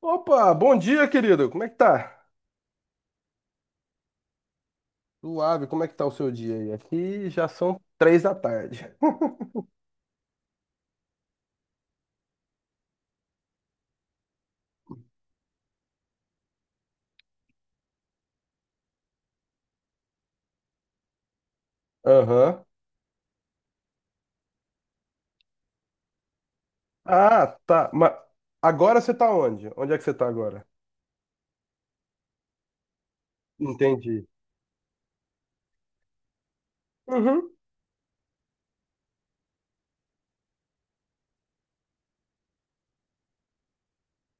Opa, bom dia, querido. Como é que tá? Suave, como é que tá o seu dia aí? Aqui já são três da tarde. Aham. Ah, tá. Mas agora você tá onde? Onde é que você tá agora? Entendi. Uhum.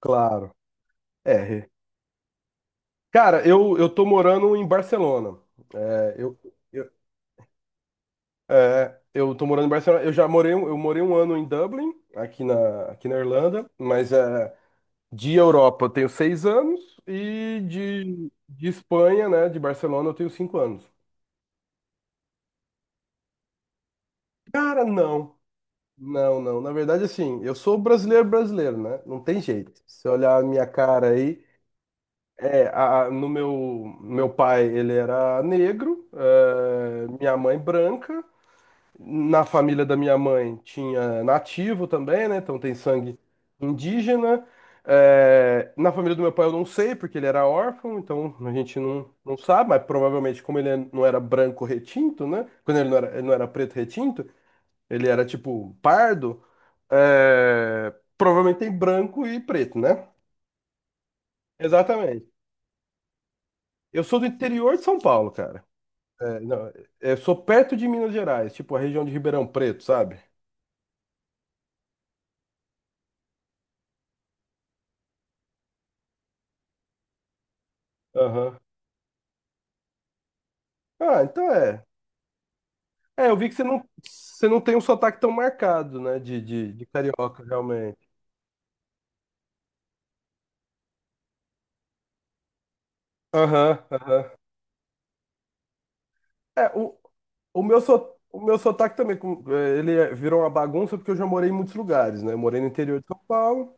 Claro. É. Cara, eu tô morando em Barcelona. É, eu, eu tô morando em Barcelona. Eu já morei, eu morei um ano em Dublin, aqui na Irlanda, mas é, de Europa eu tenho seis anos e de Espanha, né, de Barcelona eu tenho cinco anos. Cara, não. Não. Na verdade, assim, eu sou brasileiro brasileiro, né? Não tem jeito. Se eu olhar a minha cara aí, é, a- no meu, meu pai ele era negro, é, minha mãe branca. Na família da minha mãe tinha nativo também, né? Então tem sangue indígena. É, na família do meu pai eu não sei, porque ele era órfão, então a gente não sabe, mas provavelmente como ele não era branco retinto, né? Quando ele não era preto retinto, ele era tipo pardo, é, provavelmente tem branco e preto, né? Exatamente. Eu sou do interior de São Paulo, cara. É, não, eu sou perto de Minas Gerais, tipo a região de Ribeirão Preto, sabe? Aham. Ah, então é. É, eu vi que você não tem um sotaque tão marcado, né? De carioca, realmente. Aham. É, o meu sotaque também, é, virou uma bagunça porque eu já morei em muitos lugares, né? Eu morei no interior de São Paulo.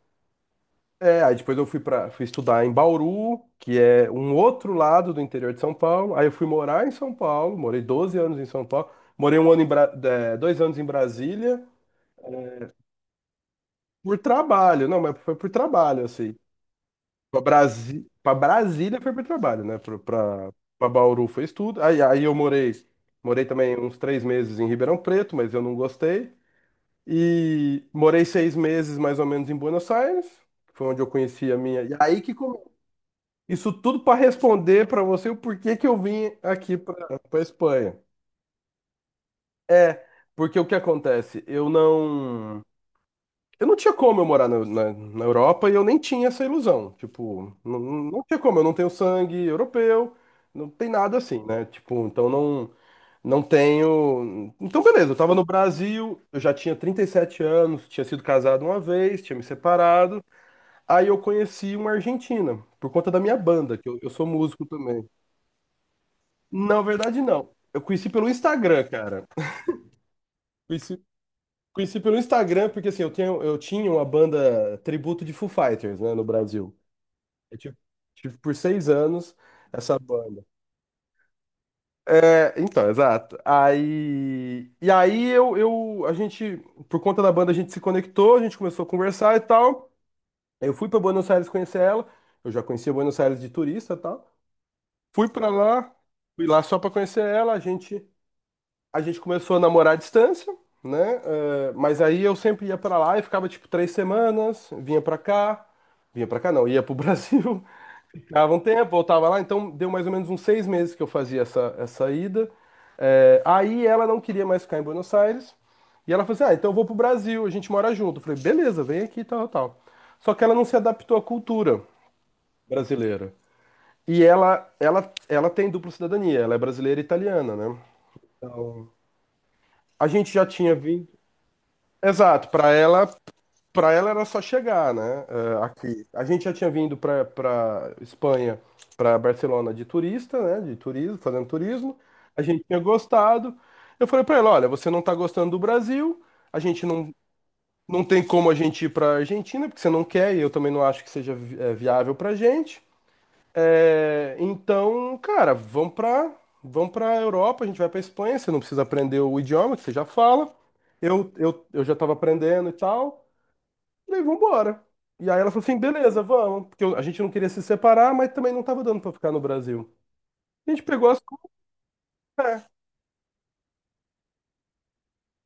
É, aí depois eu fui estudar em Bauru, que é um outro lado do interior de São Paulo. Aí eu fui morar em São Paulo, morei 12 anos em São Paulo. Morei um ano em é, dois anos em Brasília por trabalho. Não, mas foi por trabalho, assim. Pra Brasília foi para trabalho, né? Pra Bauru foi estudo. Aí eu morei, morei também uns três meses em Ribeirão Preto, mas eu não gostei. E morei seis meses mais ou menos em Buenos Aires, que foi onde eu conheci a minha. E aí que isso tudo para responder para você o porquê que eu vim aqui para Espanha. É, porque o que acontece? Eu não. Eu não tinha como eu morar na Europa e eu nem tinha essa ilusão. Tipo, não tinha como, eu não tenho sangue europeu, não tem nada assim, né? Tipo, então não tenho. Então, beleza, eu tava no Brasil, eu já tinha 37 anos, tinha sido casado uma vez, tinha me separado. Aí eu conheci uma argentina, por conta da minha banda, que eu sou músico também. Na verdade, não. Eu conheci pelo Instagram, cara. Conheci, conheci pelo Instagram, porque assim, eu tinha uma banda tributo de Foo Fighters, né, no Brasil. Eu tive, tive por seis anos essa banda. É, então, exato. Aí, e aí eu, a gente, por conta da banda, a gente se conectou, a gente começou a conversar e tal. Eu fui para Buenos Aires conhecer ela. Eu já conhecia Buenos Aires de turista e tal. Fui para lá, fui lá só para conhecer ela. A gente começou a namorar à distância, né? É, mas aí eu sempre ia para lá e ficava tipo três semanas, vinha para cá não, ia pro Brasil. Dava um tempo, voltava lá, então deu mais ou menos uns seis meses que eu fazia essa ida. É, aí ela não queria mais ficar em Buenos Aires, e ela falou assim: ah, então eu vou pro Brasil, a gente mora junto. Eu falei: beleza, vem aqui, tal, tal. Só que ela não se adaptou à cultura brasileira. E ela tem dupla cidadania, ela é brasileira e italiana, né? Então, a gente já tinha vindo. Exato, para ela era só chegar, né? Aqui. A gente já tinha vindo para Espanha, para Barcelona de turista, né? De turismo, fazendo turismo. A gente tinha gostado. Eu falei para ela, olha, você não tá gostando do Brasil. A gente não tem como a gente ir para Argentina porque você não quer e eu também não acho que seja viável para gente. Então, cara, vamos para Europa. A gente vai para Espanha. Você não precisa aprender o idioma que você já fala. Eu já estava aprendendo e tal. Falei, vambora. E aí ela falou assim, beleza, vamos. Porque a gente não queria se separar, mas também não tava dando pra ficar no Brasil. A gente pegou as coisas,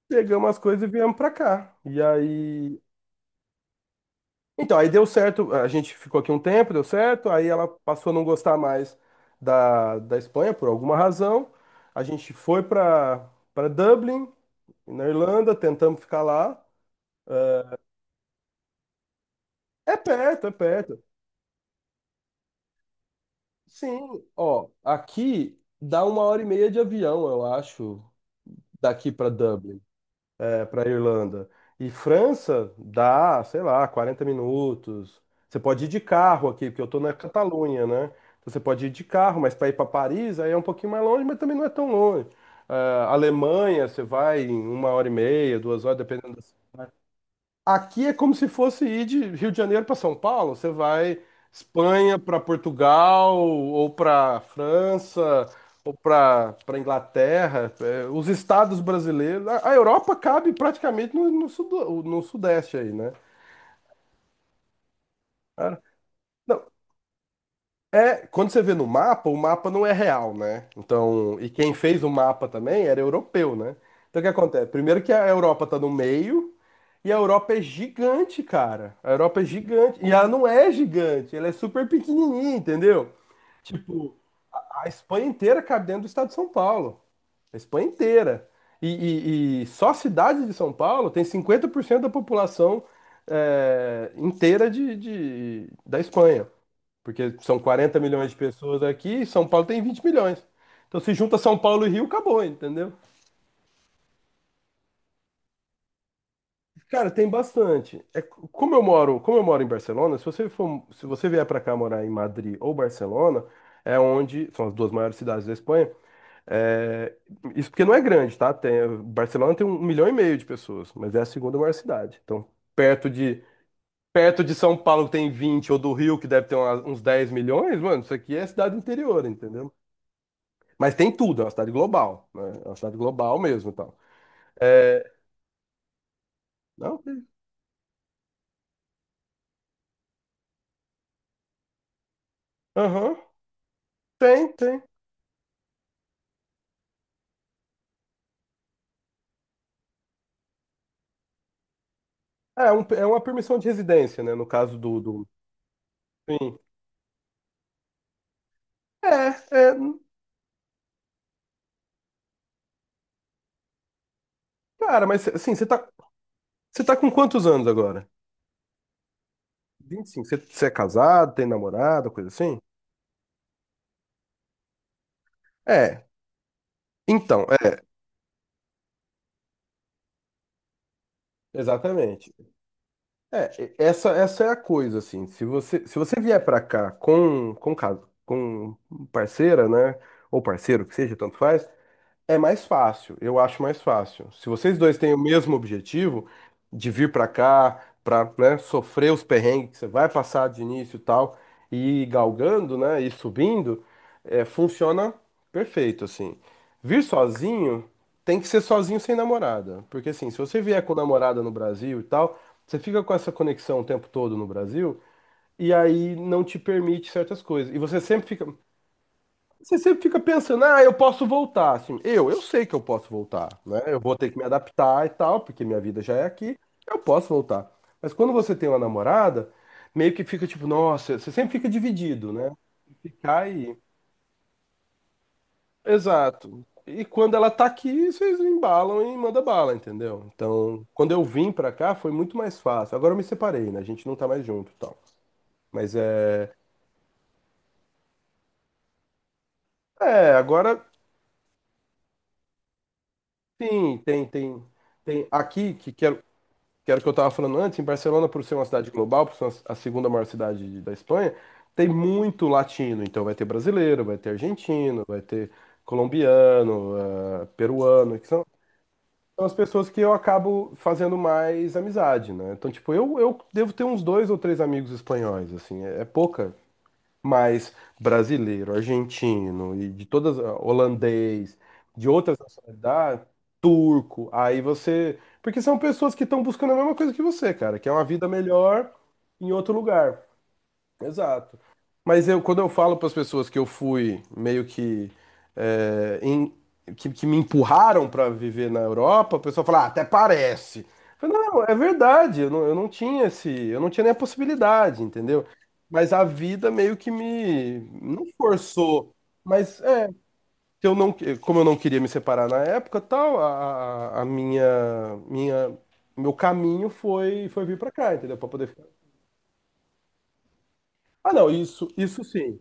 pegamos as coisas e viemos pra cá. E aí. Então, aí deu certo. A gente ficou aqui um tempo, deu certo. Aí ela passou a não gostar mais da Espanha por alguma razão. A gente foi pra Dublin, na Irlanda, tentamos ficar lá. É perto. Sim, ó, aqui dá uma hora e meia de avião, eu acho, daqui pra Dublin, para a Irlanda. E França dá, sei lá, 40 minutos. Você pode ir de carro aqui, porque eu estou na Catalunha, né? Então você pode ir de carro, mas para ir para Paris aí é um pouquinho mais longe, mas também não é tão longe. Ah, Alemanha, você vai em uma hora e meia, duas horas, dependendo. Aqui é como se fosse ir de Rio de Janeiro para São Paulo. Você vai Espanha para Portugal ou para França ou para Inglaterra. É, os estados brasileiros, a Europa cabe praticamente no sudeste aí, né? Ah, não, é, quando você vê no mapa, o mapa não é real, né? Então, e quem fez o mapa também era europeu, né? Então o que acontece? Primeiro que a Europa está no meio. E a Europa é gigante, cara. A Europa é gigante. E ela não é gigante, ela é super pequenininha, entendeu? Tipo, a Espanha inteira cabe dentro do estado de São Paulo. A Espanha inteira. E, e só a cidade de São Paulo tem 50% da população é, inteira da Espanha. Porque são 40 milhões de pessoas aqui e São Paulo tem 20 milhões. Então se junta São Paulo e Rio, acabou, entendeu? Cara, tem bastante. É, como eu moro em Barcelona, se você vier para cá morar em Madrid ou Barcelona, é onde são as duas maiores cidades da Espanha. É, isso porque não é grande, tá? Tem, Barcelona tem um milhão e meio de pessoas, mas é a segunda maior cidade. Então, perto de perto de São Paulo que tem vinte ou do Rio que deve ter uns 10 milhões, mano, isso aqui é cidade interior, entendeu? Mas tem tudo, é uma cidade global, né? É uma cidade global mesmo, e tal. É, não, aham, tem. É, é uma permissão de residência, né? No caso do... Sim. É, é... Cara, mas assim, você tá com quantos anos agora? 25. Você é casado, tem namorada, coisa assim? É. Então, é. Exatamente. É, essa é a coisa, assim. Se você vier pra cá caso, com parceira, né? Ou parceiro, que seja, tanto faz. É mais fácil, eu acho mais fácil. Se vocês dois têm o mesmo objetivo de vir pra cá, pra, né, sofrer os perrengues que você vai passar de início e tal, e ir galgando, né, e subindo, é, funciona perfeito, assim. Vir sozinho tem que ser sozinho sem namorada, porque assim, se você vier com namorada no Brasil e tal, você fica com essa conexão o tempo todo no Brasil e aí não te permite certas coisas. E você sempre fica. Você sempre fica pensando, ah, eu posso voltar, assim, eu sei que eu posso voltar, né? Eu vou ter que me adaptar e tal, porque minha vida já é aqui, eu posso voltar. Mas quando você tem uma namorada, meio que fica tipo, nossa, você sempre fica dividido, né? Ficar aí. Exato. E quando ela tá aqui, vocês embalam e manda bala, entendeu? Então, quando eu vim pra cá, foi muito mais fácil. Agora eu me separei, né? A gente não tá mais junto, e tal. Mas é, é, agora sim, tem aqui que que era o que eu estava falando antes, em Barcelona, por ser uma cidade global, por ser a segunda maior cidade da Espanha, tem muito latino. Então vai ter brasileiro, vai ter argentino, vai ter colombiano, peruano, que são, são as pessoas que eu acabo fazendo mais amizade, né? Então, tipo, eu devo ter uns dois ou três amigos espanhóis, assim, é, é pouca. Mas brasileiro, argentino e de todas, ah, holandês, de outras nacionalidades, turco, aí você. Porque são pessoas que estão buscando a mesma coisa que você, cara, que é uma vida melhor em outro lugar. Exato. Mas eu, quando eu falo para as pessoas que eu fui meio que, é, em- que me empurraram para viver na Europa, a pessoa fala, ah, até parece. Eu falo, não, é verdade, eu não tinha esse, eu não tinha nem a possibilidade, entendeu? Mas a vida meio que me, não forçou, mas é, que eu não, como eu não queria me separar na época, tal, meu caminho foi, foi vir para cá, entendeu? Para poder ficar. Ah, não, isso sim.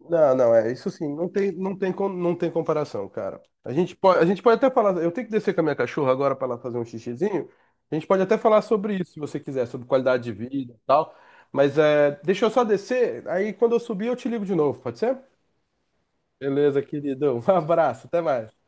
Não, é isso sim. Não tem comparação, cara. A gente pode até falar. Eu tenho que descer com a minha cachorra agora para ela fazer um xixizinho. A gente pode até falar sobre isso, se você quiser, sobre qualidade de vida e tal. Mas é, deixa eu só descer. Aí quando eu subir, eu te ligo de novo, pode ser? Beleza, querido. Um abraço, até mais.